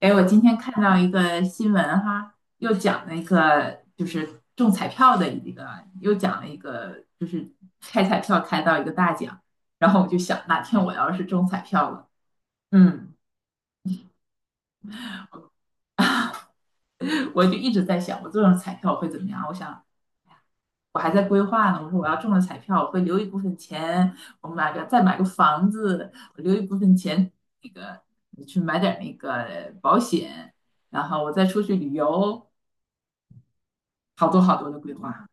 哎，我今天看到一个新闻哈，又讲了一个就是中彩票的一个，又讲了一个就是开彩票开到一个大奖，然后我就想哪天我要是中彩票了，嗯。我就一直在想我中了彩票会怎么样？我想我还在规划呢，我说我要中了彩票，我会留一部分钱，我再买个房子，我留一部分钱那个去买点那个保险，然后我再出去旅游，好多好多的规划。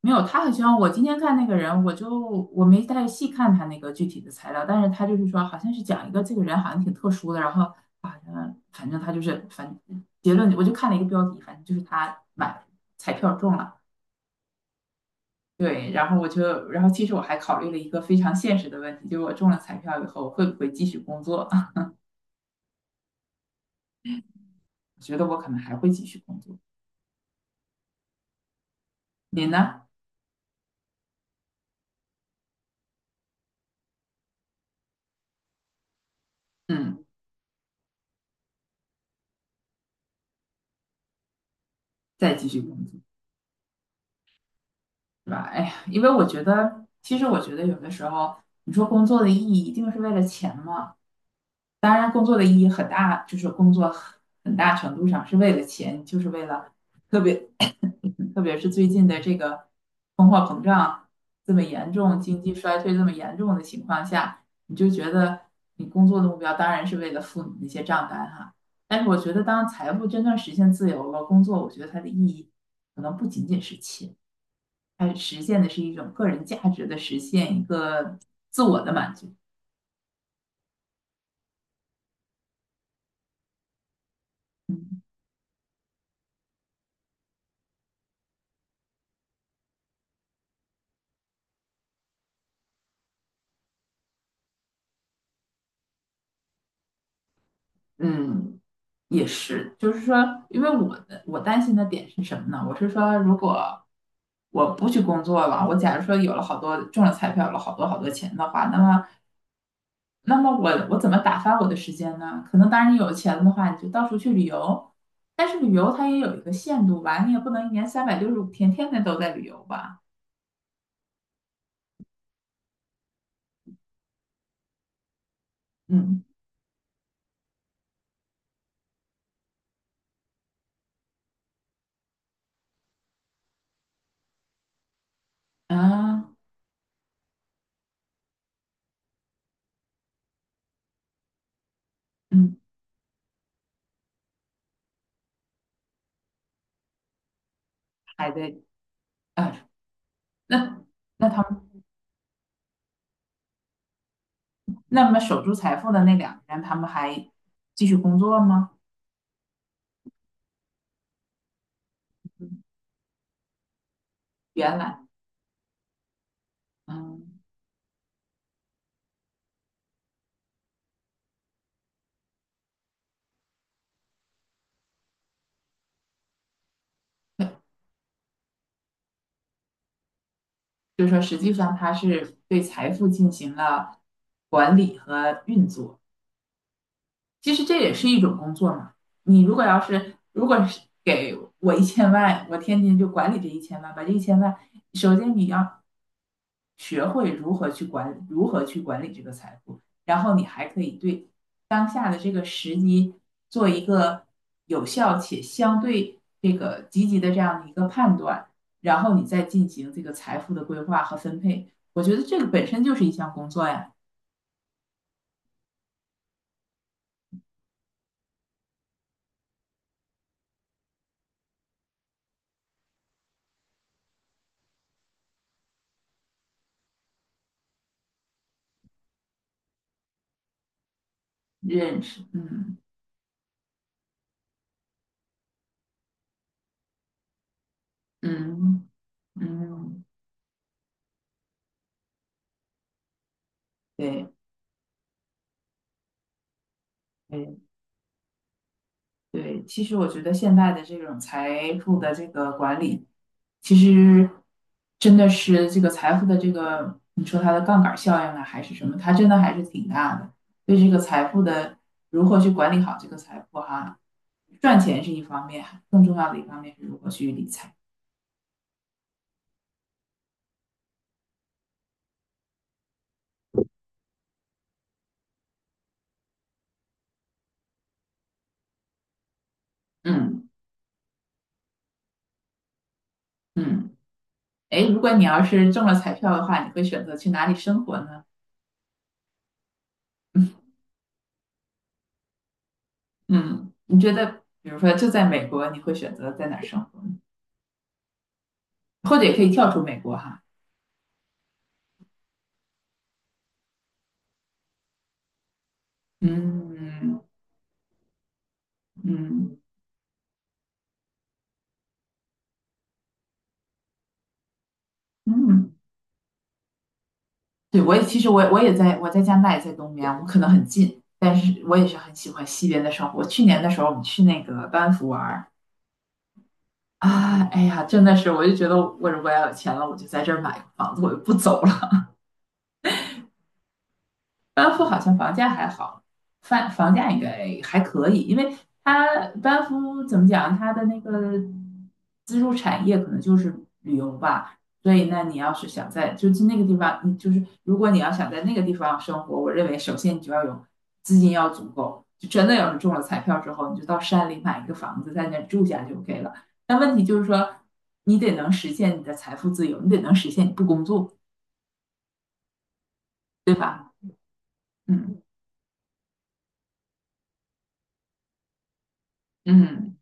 没有，他好像我今天看那个人，我没太细看他那个具体的材料，但是他就是说，好像是讲一个这个人好像挺特殊的，然后好像反正他就是反结论，我就看了一个标题，反正就是他买彩票中了。对，然后我就然后其实我还考虑了一个非常现实的问题，就是我中了彩票以后会不会继续工作？我觉得我可能还会继续工作，你呢？嗯，再继续工作。是吧？哎呀，因为我觉得，其实我觉得有的时候，你说工作的意义一定是为了钱吗？当然，工作的意义很大，就是工作很大程度上是为了钱，就是为了特别特别是最近的这个通货膨胀这么严重、经济衰退这么严重的情况下，你就觉得你工作的目标当然是为了付你那些账单哈。但是我觉得，当财富真正实现自由了，工作我觉得它的意义可能不仅仅是钱。它实现的是一种个人价值的实现，一个自我的满足。嗯。嗯，也是，就是说，因为我担心的点是什么呢？我是说，如果我不去工作了，我假如说有了好多中了彩票，有了好多好多钱的话，那么那么我怎么打发我的时间呢？可能当然你有钱的话，你就到处去旅游，但是旅游它也有一个限度吧，你也不能一年365天天天都在旅游吧。嗯。啊。嗯，还得。啊。那那他们那么守住财富的那两个人，他们还继续工作吗？原来。嗯，就是说实际上他是对财富进行了管理和运作。其实这也是一种工作嘛。你如果给我一千万，我天天就管理这一千万，把这一千万，首先你要学会如何去管，如何去管理这个财富，然后你还可以对当下的这个时机做一个有效且相对这个积极的这样的一个判断，然后你再进行这个财富的规划和分配。我觉得这个本身就是一项工作呀。认识。嗯。嗯。嗯。对。对。对，其实我觉得现在的这种财富的这个管理，其实真的是这个财富的这个，你说它的杠杆效应啊，还是什么，它真的还是挺大的。对这个财富的如何去管理好这个财富哈，赚钱是一方面，更重要的一方面是如何去理财。嗯。嗯，哎，如果你要是中了彩票的话，你会选择去哪里生活呢？嗯，你觉得，比如说就在美国，你会选择在哪儿生活呢？或者也可以跳出美国哈。嗯。嗯。嗯，对，其实我在加拿大也在东边，我们可能很近，但是我也是很喜欢西边的生活。去年的时候，我们去那个班夫玩儿。啊，哎呀，真的是，我就觉得我如果要有钱了，我就在这儿买个房子，我就不走了。班夫好像房价还好，房价应该还可以，因为它班夫怎么讲，它的那个支柱产业可能就是旅游吧，所以那你要是想在就是那个地方，你就是如果你要想在那个地方生活，我认为首先你就要有资金要足够，就真的有人中了彩票之后，你就到山里买一个房子在那住下就 OK 了。但问题就是说，你得能实现你的财富自由，你得能实现你不工作。嗯。嗯，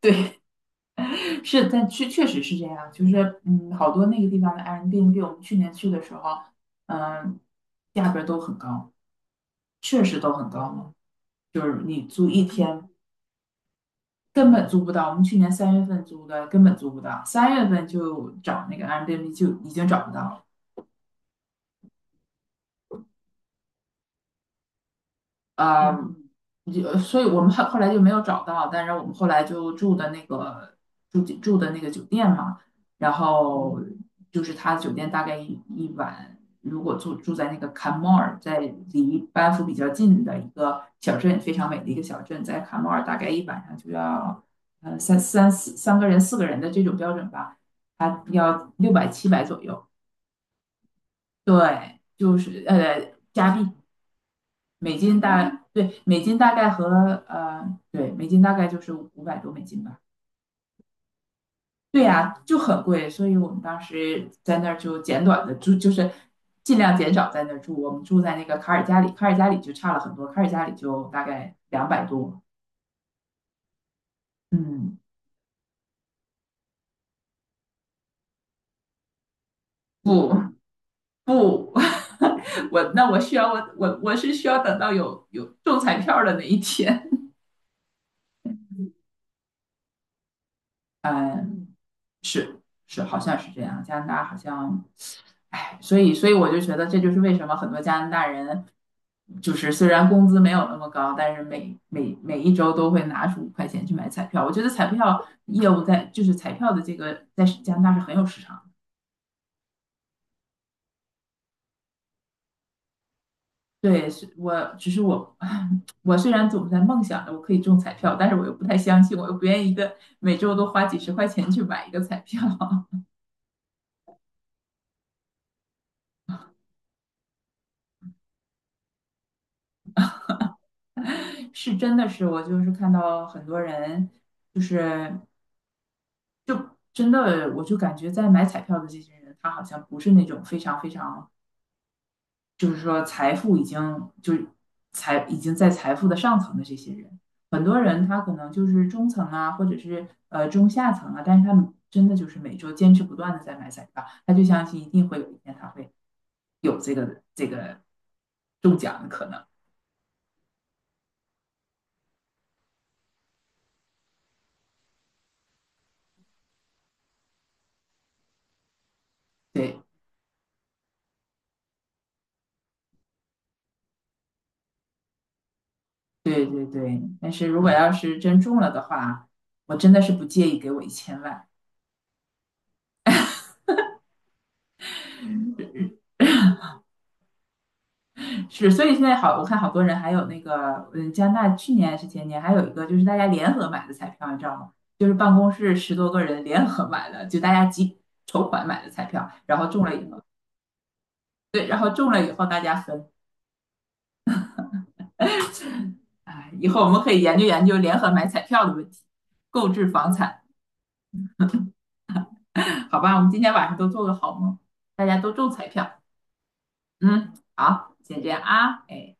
对，是，但确确实是这样，就是嗯，好多那个地方的 Airbnb，我们去年去的时候，嗯，价格都很高，确实都很高嘛，就是你租一天根本租不到，我们去年三月份租的根本租不到，三月份就找那个 Airbnb 就已经找不到了。嗯，就所以我们后来就没有找到，但是我们后来就住的那个酒店嘛，然后就是他酒店大概一晚，如果住在那个卡莫尔，在离班夫比较近的一个小镇，非常美的一个小镇，在卡莫尔大概一晚上就要三个人四个人的这种标准吧，他要600、700左右。对，就是加币。美金大，对，美金大概和对，美金大概就是500多美金吧。对呀，就很贵，所以我们当时在那儿就简短的住，就是尽量减少在那儿住。我们住在那个卡尔加里，卡尔加里就差了很多，卡尔加里就大概200多。嗯，不，不，我那我需要我我我是需要等到有中彩票的那一天。是，好像是这样。加拿大好像，哎，所以，所以我就觉得这就是为什么很多加拿大人，就是虽然工资没有那么高，但是每一周都会拿出5块钱去买彩票。我觉得彩票业务在就是彩票的这个在加拿大是很有市场的。对，是我只是我，我虽然总在梦想着我可以中彩票，但是我又不太相信，我又不愿意一个每周都花几十块钱去买一个彩票。是真的是，我就是看到很多人，就是真的，我就感觉在买彩票的这些人，他好像不是那种非常非常，就是说财富已经在财富的上层的这些人，很多人他可能就是中层啊，或者是中下层啊，但是他们真的就是每周坚持不断的在买彩票，他就相信一定会有一天他会有这个中奖的可能。对，对，对，对，但是如果要是真中了的话，我真的是不介意给我一千万。是，所以现在好，我看好多人还有那个，嗯，加拿大去年还是前年还有一个，就是大家联合买的彩票，你知道吗？就是办公室10多个人联合买的，就大家集筹款买的彩票，然后中了以后，对，然后中了以后大家分。哎，以后我们可以研究研究联合买彩票的问题，购置房产。好吧？我们今天晚上都做个好梦，大家都中彩票。嗯，好，先这样啊，哎。